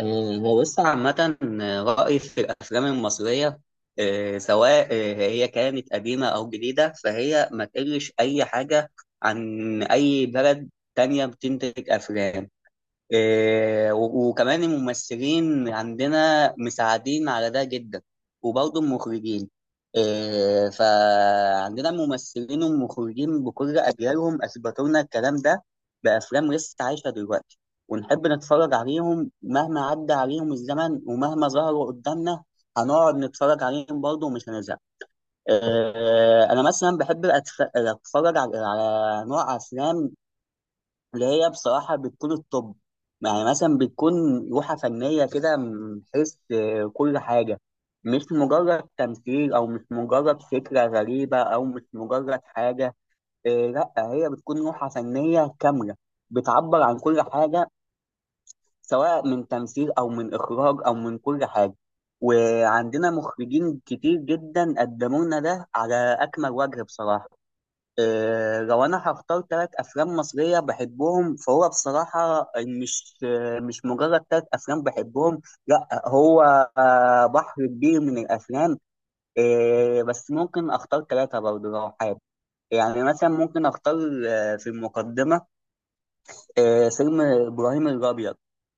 هو بص عامة. رأيي في الأفلام المصرية سواء هي كانت قديمة أو جديدة، فهي ما تقلش أي حاجة عن أي بلد تانية بتنتج أفلام. إيه، وكمان الممثلين عندنا مساعدين على ده جدا، وبرضه المخرجين. إيه، فعندنا الممثلين والمخرجين بكل أجيالهم أثبتوا لنا الكلام ده بأفلام لسه عايشة دلوقتي، ونحب نتفرج عليهم مهما عدى عليهم الزمن ومهما ظهروا قدامنا هنقعد نتفرج عليهم برضه ومش هنزهق. إيه، أنا مثلا بحب أتفرج على نوع أفلام اللي هي بصراحة بتكون الطب. يعني مثلا بتكون لوحة فنية كده، من حيث كل حاجة. مش مجرد تمثيل، أو مش مجرد فكرة غريبة، أو مش مجرد حاجة. لأ، هي بتكون لوحة فنية كاملة بتعبر عن كل حاجة، سواء من تمثيل أو من إخراج أو من كل حاجة. وعندنا مخرجين كتير جدا قدموا لنا ده على أكمل وجه بصراحة. لو انا هختار ثلاث افلام مصريه بحبهم، فهو بصراحه مش مش مجرد ثلاث افلام بحبهم. لا، هو بحر كبير من الافلام. بس ممكن اختار ثلاثه برضه لو حابب. يعني مثلا ممكن اختار، في المقدمه، فيلم إبراهيم الأبيض.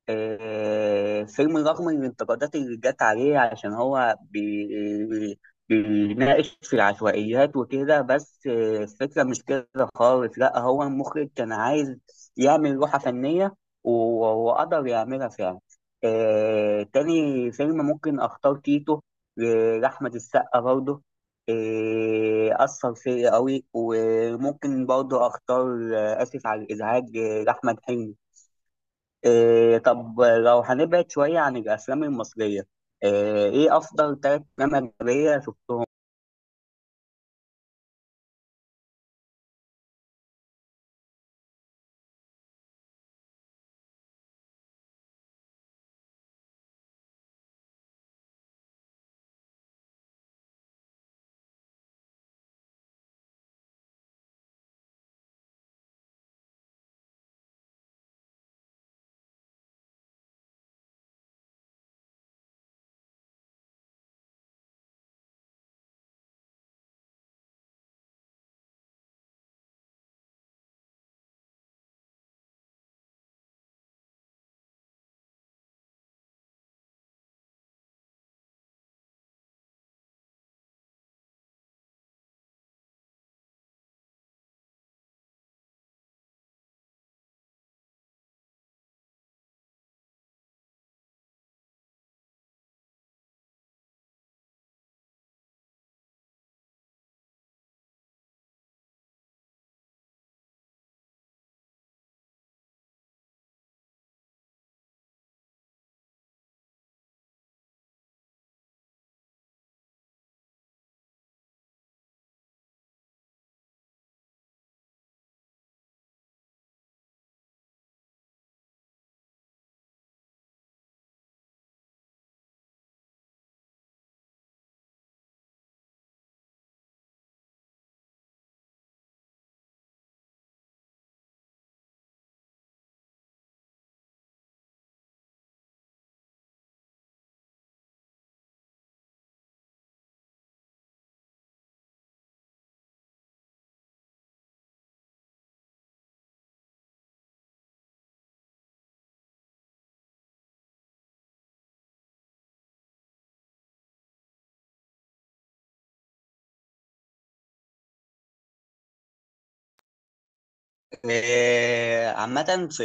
فيلم رغم الانتقادات اللي جت عليه عشان هو بيناقش في العشوائيات وكده. بس الفكرة مش كده خالص. لا، هو المخرج كان عايز يعمل لوحة فنية، و- وقدر يعملها فعلا. تاني فيلم ممكن أختار تيتو لأحمد السقا برضه. أثر فيا قوي. وممكن برضه أختار آسف على الإزعاج لأحمد حلمي. إيه، طب لو هنبعد شوية عن الأفلام المصرية، إيه أفضل ثلاث أفلام أجنبية شفتهم؟ عامة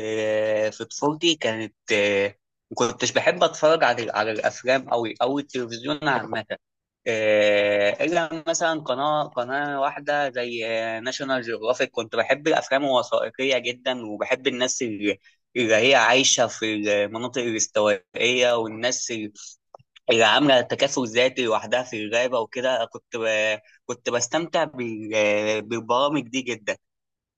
في طفولتي كانت ما كنتش بحب اتفرج على الافلام أوي او التلفزيون عامة. الا مثلا قناة واحدة زي ناشونال جيوغرافيك. كنت بحب الافلام الوثائقية جدا، وبحب الناس اللي هي عايشة في المناطق الاستوائية، والناس اللي عاملة تكافل ذاتي لوحدها في الغابة وكده. كنت بستمتع بالبرامج دي جدا.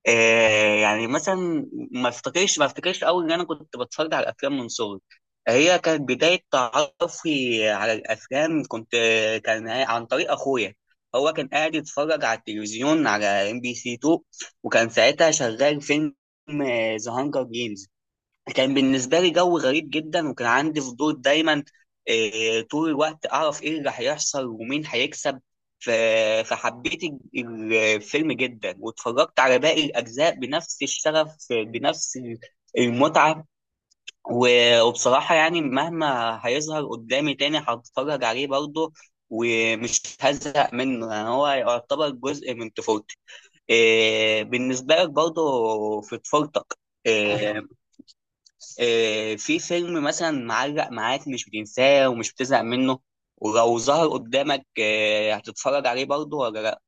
آه، يعني مثلا ما افتكرش قوي ان انا كنت بتفرج على الافلام من صغري. هي كانت بدايه تعرفي على الافلام، كنت كان عن طريق اخويا. هو كان قاعد يتفرج على التلفزيون على ام بي سي 2، وكان ساعتها شغال فيلم ذا هانجر جيمز. كان بالنسبه لي جو غريب جدا، وكان عندي فضول دايما طول الوقت اعرف ايه اللي هيحصل ومين هيكسب. ف- فحبيت الفيلم جدا، واتفرجت على باقي الاجزاء بنفس الشغف، بنفس المتعه. وبصراحه يعني مهما هيظهر قدامي تاني هتفرج عليه برضه ومش هزهق منه. يعني هو يعتبر جزء من طفولتي. بالنسبه لك برضه في طفولتك، آه، في فيلم مثلا معلق معاك مش بتنساه ومش بتزهق منه؟ ولو ظهر قدامك هتتفرج عليه برضه ولا لا؟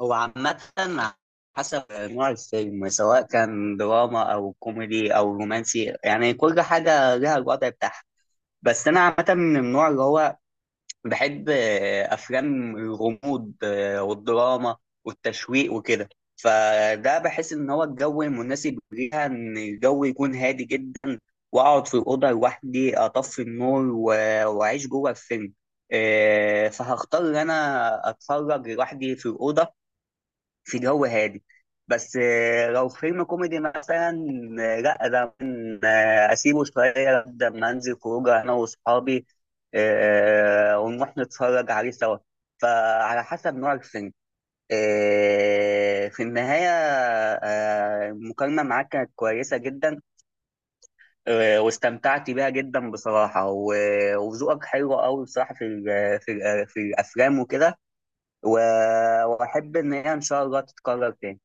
هو عامة حسب نوع الفيلم، سواء كان دراما أو كوميدي أو رومانسي، يعني كل حاجة لها الوضع بتاعها. بس أنا عامة من النوع اللي هو بحب أفلام الغموض، والدراما والتشويق وكده. فده بحس إن هو الجو المناسب ليها، إن الجو يكون هادي جدا، واقعد في الاوضه لوحدي، اطفي النور، واعيش جوه الفيلم. فهختار ان انا اتفرج لوحدي في الاوضه في جو هادي. بس لو فيلم كوميدي مثلا، لا، ده ممكن، اسيبه شويه لما انزل خروجه انا واصحابي، ونروح نتفرج عليه سوا. فعلى حسب نوع الفيلم. في النهايه، المكالمه معاك كانت كويسه جدا، واستمتعت بيها جدا بصراحة، وذوقك حلو قوي بصراحة في في الأفلام وكده. و- وأحب إن هي إن شاء الله تتكرر تاني.